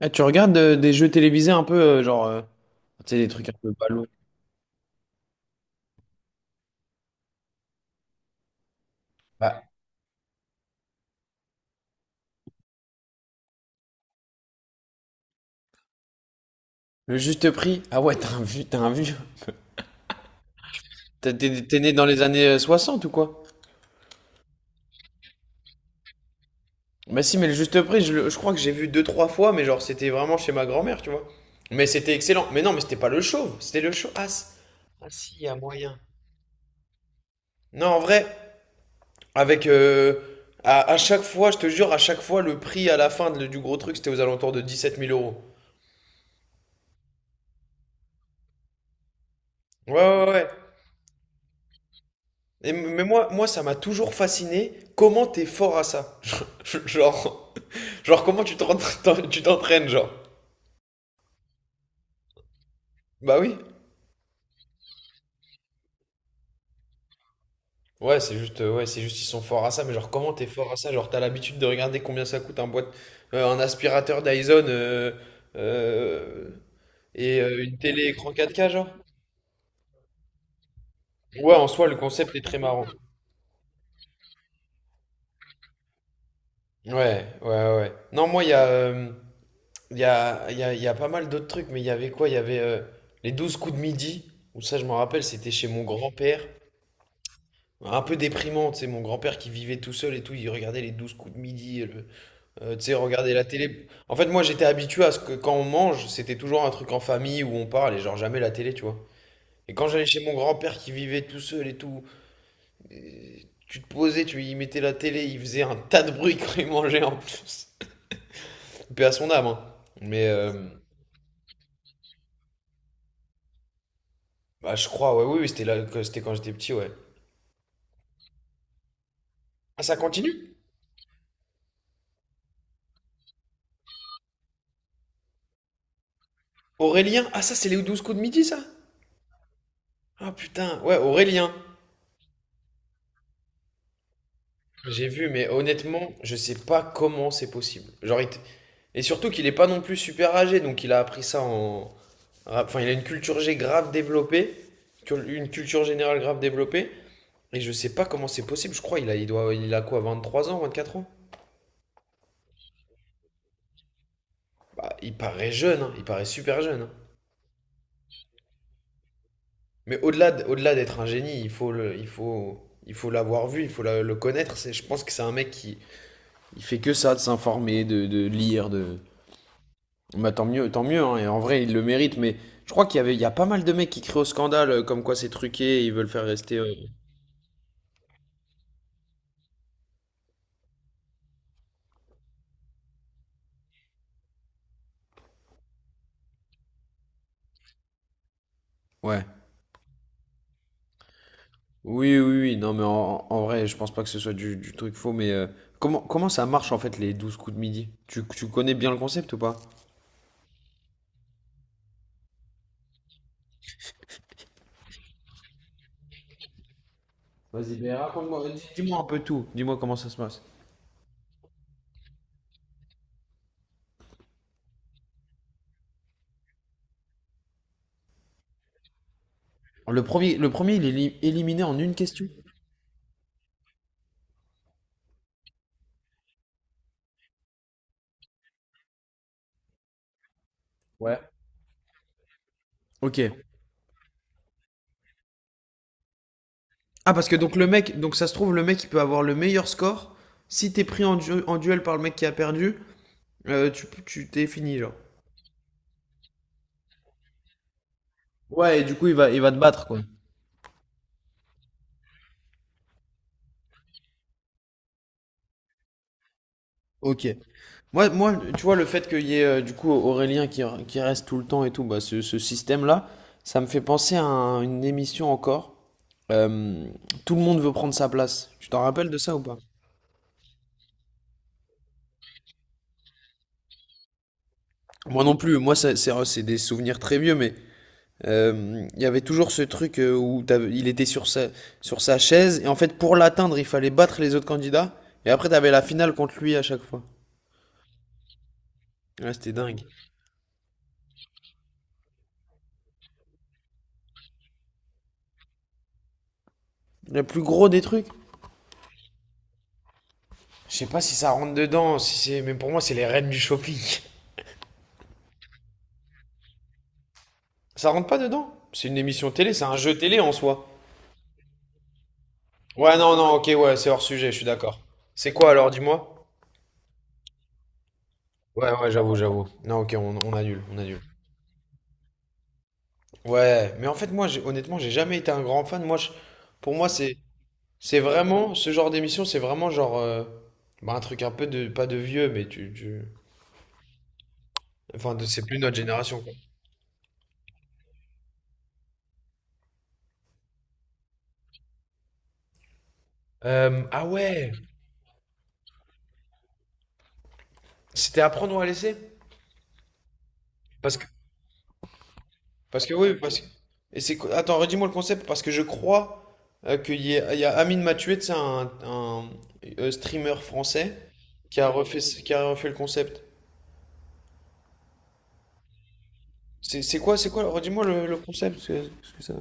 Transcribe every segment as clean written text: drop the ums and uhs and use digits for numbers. Ah, tu regardes des jeux télévisés un peu, genre, tu sais, des trucs un peu ballot. Le juste prix? Ah ouais, t'as un vieux, t'as un vieux. T'es né dans les années 60 ou quoi? Bah si, mais le juste prix, je crois que j'ai vu deux, trois fois, mais genre, c'était vraiment chez ma grand-mère, tu vois. Mais c'était excellent. Mais non, mais c'était pas le chauve, c'était le chauve. Ah, si, il y a moyen. Non, en vrai, avec... euh, à chaque fois, je te jure, à chaque fois, le prix à la fin du gros truc, c'était aux alentours de 17 000 euros. Ouais, ouais, ouais. Et moi, ça m'a toujours fasciné. Comment t'es fort à ça? Genre, genre, comment tu t'entraînes, genre? Bah oui. Ouais, c'est juste, ils sont forts à ça. Mais genre, comment t'es fort à ça? Genre, t'as l'habitude de regarder combien ça coûte un boîte, un aspirateur Dyson euh, et une télé écran 4K, genre? Ouais, en soi, le concept est très marrant. Ouais, ouais, ouais. Non, moi, il y a pas mal d'autres trucs, mais il y avait quoi? Il y avait les 12 coups de midi, où ça, je me rappelle, c'était chez mon grand-père. Un peu déprimant, tu sais, mon grand-père qui vivait tout seul et tout, il regardait les 12 coups de midi, et tu sais, regarder la télé. En fait, moi, j'étais habitué à ce que quand on mange, c'était toujours un truc en famille où on parle et genre jamais la télé, tu vois. Et quand j'allais chez mon grand-père qui vivait tout seul et tout, et tu te posais, tu y mettais la télé, il faisait un tas de bruit quand il mangeait en plus. Paix à son âme, hein. Mais, euh, Bah, je crois, ouais, oui, oui, c'était là, c'était quand j'étais petit, ouais. Ah, ça continue? Aurélien? Ah, ça, c'est les 12 coups de midi, ça? Ah, putain, ouais, Aurélien. J'ai vu, mais honnêtement, je sais pas comment c'est possible. Genre, et surtout qu'il est pas non plus super âgé, donc il a appris ça en. Enfin, il a une culture G grave développée, une culture générale grave développée, et je sais pas comment c'est possible, je crois, il a, il doit, il a quoi, 23 ans, 24 ans? Bah, il paraît jeune, hein, il paraît super jeune. Hein. Mais au-delà d'être un génie, il faut l'avoir vu, il faut le connaître. C'est, je pense que c'est un mec qui, il fait que ça, de s'informer, de lire, de. Bah tant mieux, tant mieux. Hein, et en vrai, il le mérite. Mais je crois qu'il y avait, il y a pas mal de mecs qui crient au scandale, comme quoi c'est truqué, et ils veulent faire rester. Ouais. Oui, oui, oui. Non, mais en vrai, je pense pas que ce soit du truc faux. Mais comment ça marche en fait les 12 coups de midi? Tu connais bien le concept ou pas? Vas-y, ben raconte-moi, dis-moi un peu tout. Dis-moi comment ça se passe. Le premier, il est éliminé en une question. Ouais. Ok. Ah, parce que donc le mec, donc ça se trouve, le mec, il peut avoir le meilleur score. Si t'es pris en duel par le mec qui a perdu, tu t'es fini, genre. Ouais, et du coup, il va te battre, quoi. Ok. Moi, tu vois, le fait qu'il y ait du coup Aurélien qui reste tout le temps et tout, bah, ce système-là, ça me fait penser à une émission encore. Euh, Tout le monde veut prendre sa place. Tu t'en rappelles de ça ou pas? Moi non plus. Moi, c'est des souvenirs très vieux, mais il y avait toujours ce truc où il était sur sa chaise, et en fait, pour l'atteindre, il fallait battre les autres candidats, et après, t'avais la finale contre lui à chaque fois. Ouais, c'était dingue. Le plus gros des trucs. Je sais pas si ça rentre dedans, si c'est, mais pour moi, c'est les reines du shopping. Ça rentre pas dedans. C'est une émission télé, c'est un jeu télé en soi. Ouais, non, non, ok, ouais, c'est hors sujet, je suis d'accord. C'est quoi alors, dis-moi? Ouais, ouais, j'avoue, j'avoue. Non, ok, on annule, on annule. Ouais, mais en fait, moi, honnêtement, j'ai jamais été un grand fan. Moi, pour moi, c'est. C'est vraiment, ce genre d'émission, c'est vraiment genre bah, un truc un peu de, pas de vieux, mais Enfin, c'est plus notre génération, quoi. Ah ouais, c'était à prendre ou à laisser? Parce que, parce que oui. Et c'est, attends, redis-moi le concept, parce que je crois qu'il y a Amine Mathieu, c'est un streamer français qui a refait, qui a refait le concept. C'est quoi? Redis-moi le concept, parce que ça.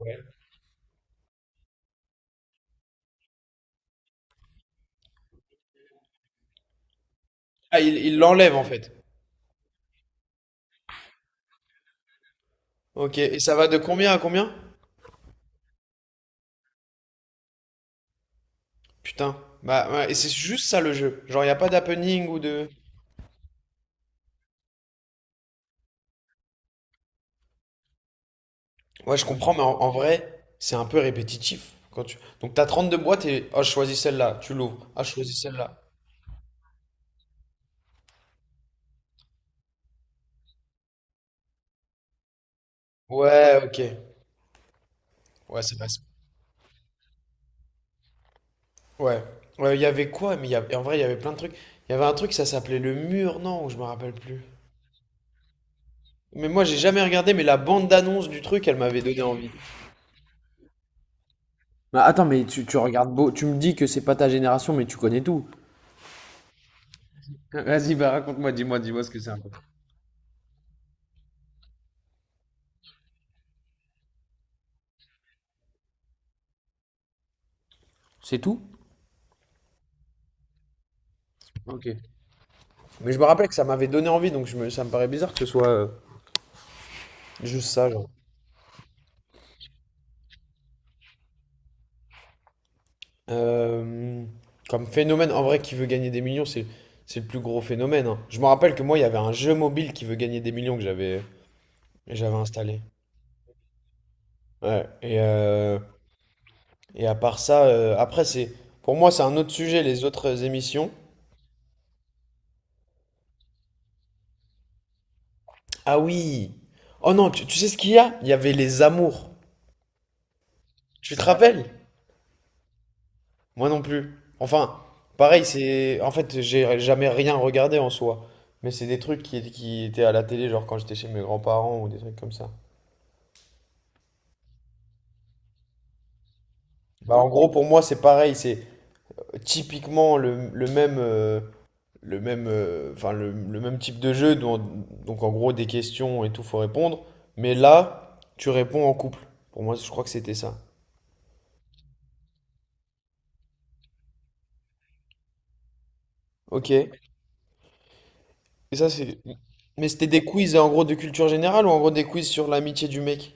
Ouais. Ah, il l'enlève, en fait. Ok, et ça va de combien à combien? Putain. Bah, ouais, et c'est juste ça le jeu. Genre, il n'y a pas d'happening ou de. Ouais, je comprends, mais en vrai, c'est un peu répétitif. Donc, t'as 32 boîtes et. Ah, je choisis celle-là. Tu l'ouvres. Ah, je choisis celle-là. Ouais, ok. Ouais, ça passe. Ouais. Ouais, il y avait quoi? Mais en vrai, il y avait plein de trucs. Il y avait un truc, ça s'appelait le mur, non? Ou je me rappelle plus. Mais moi, j'ai jamais regardé, mais la bande d'annonce du truc, elle m'avait donné envie. Bah attends, mais tu regardes beau, tu me dis que c'est pas ta génération, mais tu connais tout. Vas-y, bah raconte-moi, dis-moi ce que c'est un peu. C'est tout? Ok. Mais je me rappelle que ça m'avait donné envie, donc ça me paraît bizarre que ce soit juste ça, genre. Euh, Comme phénomène, en vrai, qui veut gagner des millions, c'est le plus gros phénomène. Hein. Je me rappelle que moi, il y avait un jeu mobile qui veut gagner des millions que j'avais installé. Ouais. Et à part ça, après, pour moi, c'est un autre sujet, les autres émissions. Ah oui! Oh non, tu sais ce qu'il y a? Il y avait les amours. Tu te rappelles? Moi non plus. Enfin, pareil, c'est. En fait, j'ai jamais rien regardé en soi. Mais c'est des trucs qui étaient à la télé, genre quand j'étais chez mes grands-parents ou des trucs comme ça. Bah, en gros, pour moi, c'est pareil. C'est typiquement le même, le même, enfin, le même type de jeu. Donc, en gros, des questions et tout, faut répondre. Mais là, tu réponds en couple. Pour moi, je crois que c'était ça. Ok. Et ça, c'est. Mais c'était des quiz, en gros, de culture générale ou en gros des quiz sur l'amitié du mec?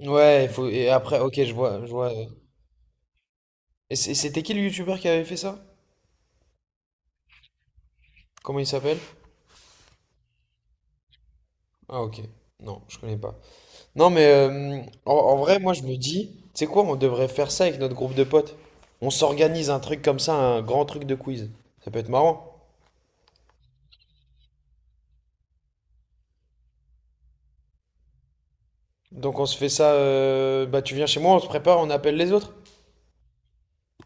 Ouais, il faut. Et après, ok, je vois. Et c'était qui le youtubeur qui avait fait ça? Comment il s'appelle? Ah, ok. Non, je connais pas. Non, mais en vrai, moi, je me dis, tu sais quoi, on devrait faire ça avec notre groupe de potes. On s'organise un truc comme ça, un grand truc de quiz. Ça peut être marrant. Donc, on se fait ça, bah, tu viens chez moi, on se prépare, on appelle les autres.